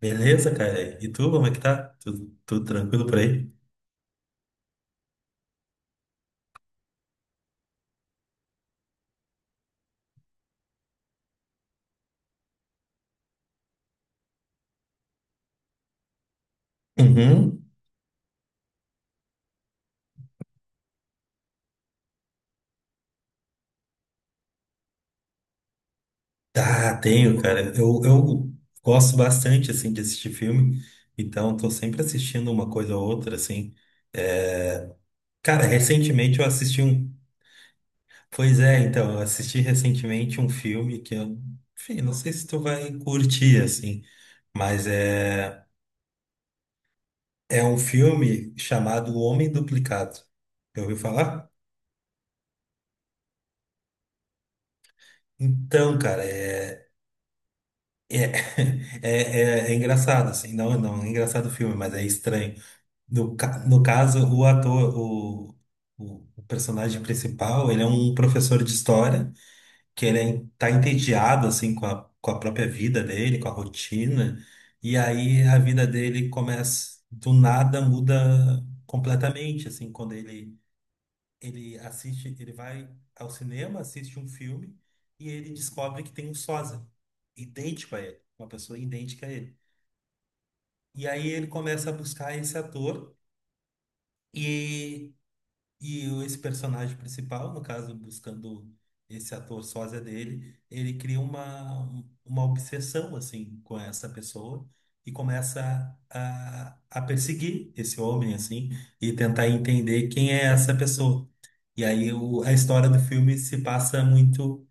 Beleza, cara? E tu, como é que tá? Tudo tranquilo por aí? Uhum. Tá, tenho, cara. Eu gosto bastante, assim, de assistir filme, então tô sempre assistindo uma coisa ou outra, assim. É, Cara, recentemente eu assisti um. Pois é, então, eu assisti recentemente um filme que eu. Enfim, não sei se tu vai curtir, assim, mas é... É um filme chamado O Homem Duplicado. Já ouviu falar? Então, cara, é. É, é, é engraçado, assim, não, não, é engraçado o filme, mas é estranho. No, no caso, o ator, o personagem principal, ele é um professor de história, que ele tá entediado, assim, com a própria vida dele, com a rotina, e aí a vida dele começa, do nada, muda completamente, assim, quando ele vai ao cinema, assiste um filme e ele descobre que tem um sósia idêntico a ele, uma pessoa idêntica a ele. E aí ele começa a buscar esse ator e e esse personagem principal, no caso, buscando esse ator sósia dele, ele cria uma obsessão, assim, com essa pessoa e começa a perseguir esse homem, assim, e tentar entender quem é essa pessoa. E aí a história do filme se passa muito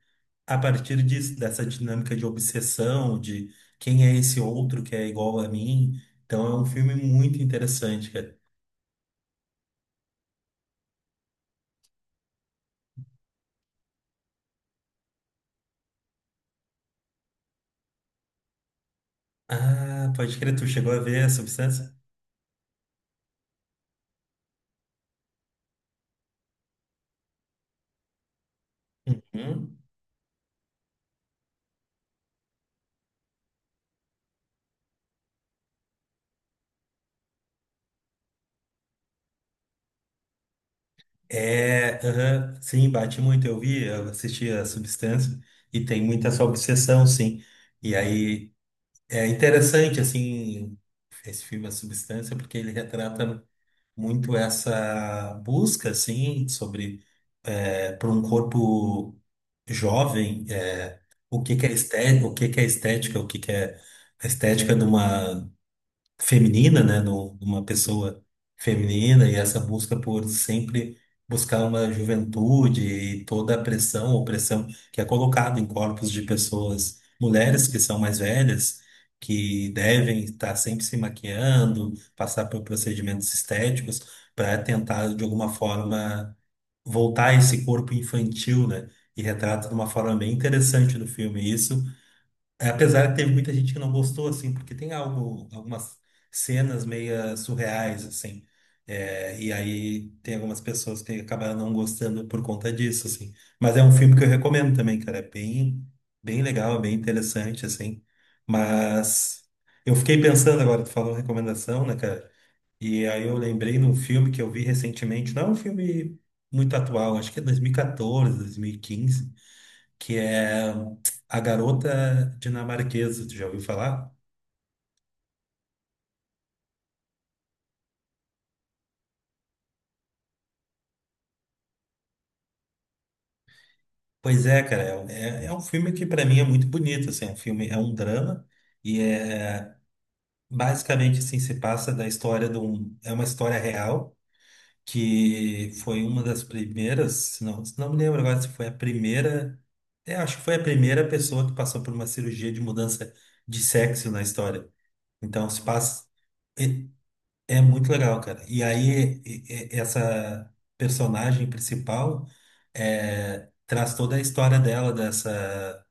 a partir disso, dessa dinâmica de obsessão, de quem é esse outro que é igual a mim. Então é um filme muito interessante, cara. Ah, pode crer, tu chegou a ver a Substância? Uhum. É, aham, sim, bate muito. Eu vi, eu assisti a Substância e tem muita essa obsessão, sim. E aí interessante, assim, esse filme A Substância, porque ele retrata muito essa busca, assim, sobre para um corpo jovem, o que que é estética, o que que é estética, o que que é a estética de uma feminina, né, numa pessoa feminina e essa busca por sempre buscar uma juventude e toda a pressão, opressão que é colocada em corpos de pessoas, mulheres que são mais velhas, que devem estar sempre se maquiando, passar por procedimentos estéticos para tentar de alguma forma voltar a esse corpo infantil, né? E retrata de uma forma bem interessante no filme isso apesar que teve muita gente que não gostou, assim, porque tem algumas cenas meio surreais, assim. E aí tem algumas pessoas que acabaram não gostando por conta disso, assim. Mas é um filme que eu recomendo também, cara. É bem, bem legal, bem interessante, assim. Mas eu fiquei pensando agora, tu falou recomendação, né, cara? E aí eu lembrei num filme que eu vi recentemente, não é um filme muito atual, acho que é 2014, dois mil quinze, que é A Garota Dinamarquesa, tu já ouviu falar? Pois é, cara, é um filme que pra mim é muito bonito, assim, é um filme, é um drama e é basicamente assim, se passa da história de um, é uma história real que foi uma das primeiras, se não me lembro agora se foi a primeira, acho que foi a primeira pessoa que passou por uma cirurgia de mudança de sexo na história. Então se passa É muito legal, cara. E aí, essa personagem principal traz toda a história dela, dessa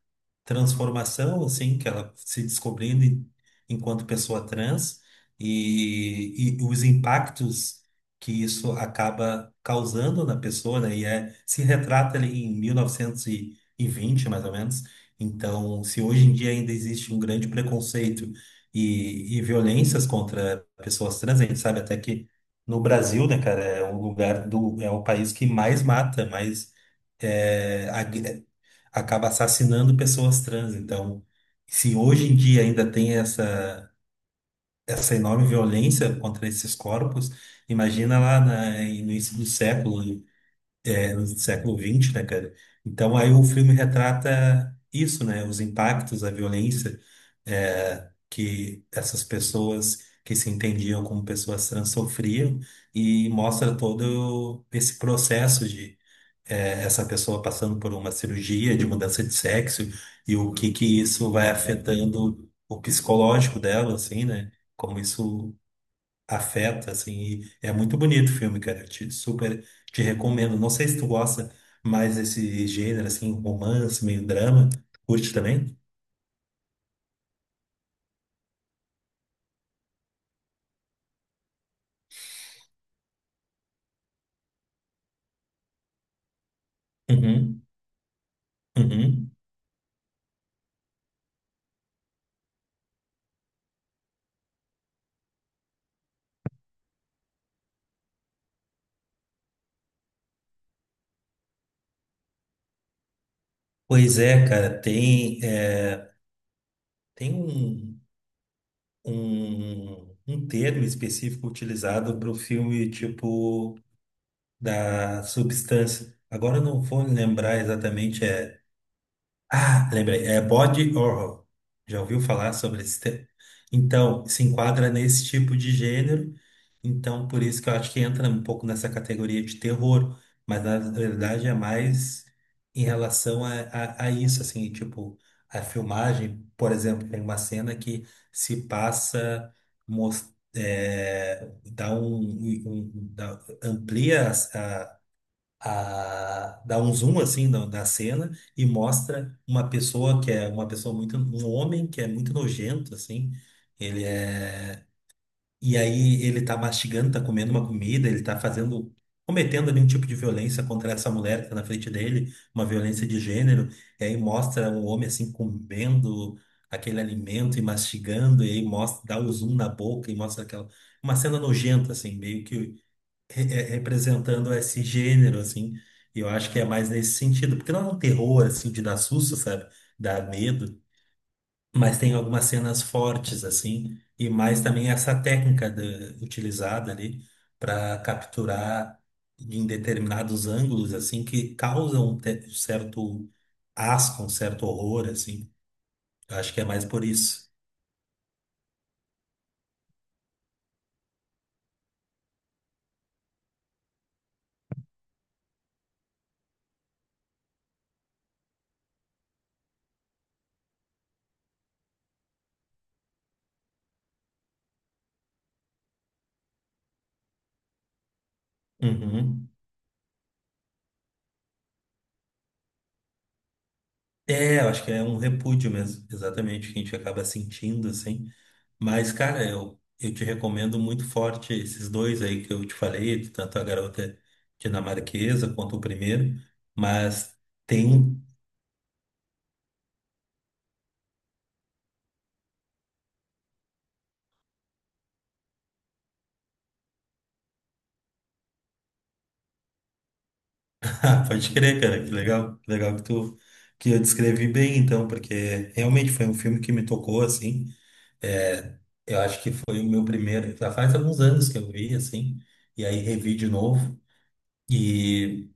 transformação, assim, que ela se descobrindo enquanto pessoa trans e os impactos que isso acaba causando na pessoa, né? E se retrata ali em 1920 mais ou menos. Então, se hoje em dia ainda existe um grande preconceito e violências contra pessoas trans, a gente sabe até que no Brasil, né, cara, é o lugar do, é o país que mais mata, mais acaba assassinando pessoas trans. Então, se hoje em dia ainda tem essa enorme violência contra esses corpos, imagina lá no início do século, é, no século XX, né, cara? Então, aí o filme retrata isso, né? Os impactos, a violência, que essas pessoas que se entendiam como pessoas trans sofriam e mostra todo esse processo, essa pessoa passando por uma cirurgia de mudança de sexo e o que que isso vai afetando o psicológico dela, assim, né? Como isso afeta, assim. E é muito bonito o filme, cara. Super te recomendo. Não sei se tu gosta mais desse gênero, assim, romance, meio drama. Curte também? Uhum, uhum. Pois é, cara, tem, tem um termo específico utilizado para o filme, tipo, da substância. Agora eu não vou lembrar exatamente. Ah, lembrei. É body horror. Já ouviu falar sobre esse tema? Então, se enquadra nesse tipo de gênero. Então, por isso que eu acho que entra um pouco nessa categoria de terror. Mas, na verdade, é mais em relação a isso, assim. Tipo, a filmagem, por exemplo, tem uma cena que se passa. Mos- é, dá um, um- um- dá- amplia dá um zoom assim da, da cena e mostra uma pessoa que é uma pessoa um homem que é muito nojento assim. Ele é, e aí ele tá mastigando, tá comendo uma comida, ele tá fazendo, cometendo ali um tipo de violência contra essa mulher que tá na frente dele, uma violência de gênero. E aí mostra um homem assim comendo aquele alimento e mastigando e aí mostra, dá o zoom na boca e mostra aquela, uma cena nojenta assim, meio que representando esse gênero, assim. E eu acho que é mais nesse sentido, porque não é um terror, assim, de dar susto, sabe? Dar medo, mas tem algumas cenas fortes, assim, e mais também essa técnica utilizada ali para capturar em determinados ângulos, assim, que causam certo asco, um certo horror, assim. Eu acho que é mais por isso. Uhum. Eu acho que é um repúdio mesmo, exatamente, que a gente acaba sentindo, assim. Mas, cara, eu te recomendo muito forte esses dois aí que eu te falei, tanto a garota dinamarquesa quanto o primeiro. Mas tem um. Ah, pode crer, cara, que legal. Que eu descrevi bem, então, porque realmente foi um filme que me tocou, assim. É, eu acho que foi o meu primeiro. Já faz alguns anos que eu vi, assim, e aí revi de novo. E.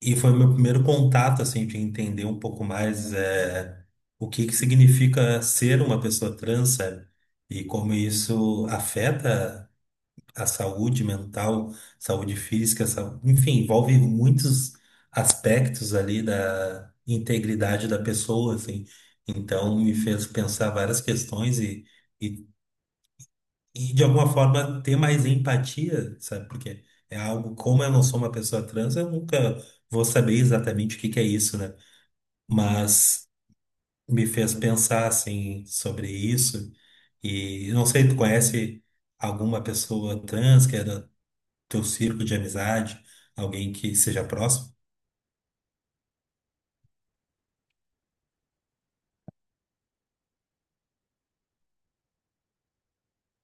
E foi o meu primeiro contato, assim, de entender um pouco mais, é, o que que significa ser uma pessoa trans, sabe? E como isso afeta a saúde mental, saúde física, enfim, envolve muitos aspectos ali da integridade da pessoa, assim. Então, me fez pensar várias questões e de alguma forma ter mais empatia, sabe? Porque é algo, como eu não sou uma pessoa trans, eu nunca vou saber exatamente o que que é isso, né? Mas me fez pensar assim sobre isso. E não sei, tu conhece alguma pessoa trans que é do teu círculo de amizade, alguém que seja próximo?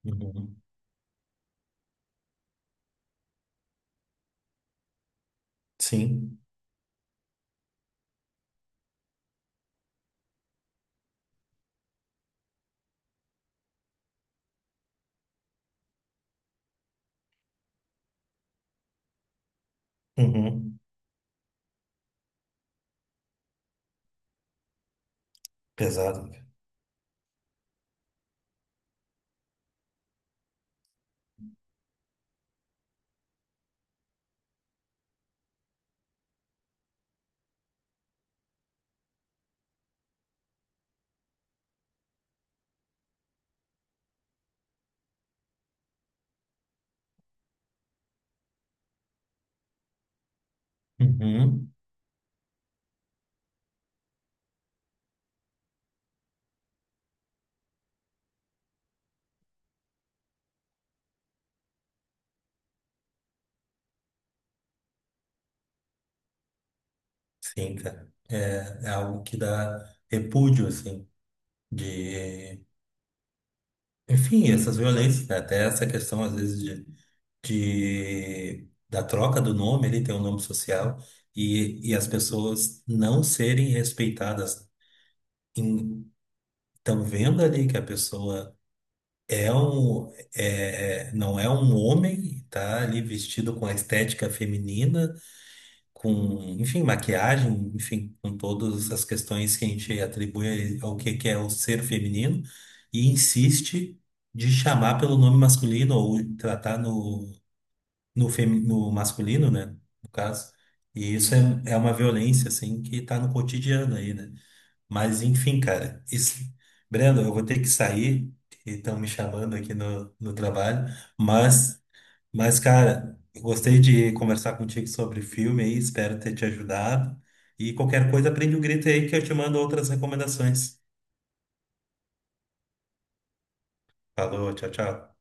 Uhum. Sim. Uhum. Pesado. Uhum. Sim, cara. É algo que dá repúdio, assim, de. Enfim, essas violências, né? Até essa questão, às vezes, da troca do nome, ele tem um nome social, e as pessoas não serem respeitadas. Estão vendo ali que a pessoa não é um homem, tá ali vestido com a estética feminina, com, enfim, maquiagem, enfim, com todas as questões que a gente atribui ao que é o ser feminino e insiste de chamar pelo nome masculino ou tratar no masculino, né, no caso. E isso é, é uma violência, assim, que tá no cotidiano aí, né? Mas, enfim, cara, isso. Brendo, eu vou ter que sair, que estão me chamando aqui no trabalho, mas mas, cara, eu gostei de conversar contigo sobre filme aí, espero ter te ajudado. E qualquer coisa, prende um grito aí que eu te mando outras recomendações. Falou, tchau, tchau.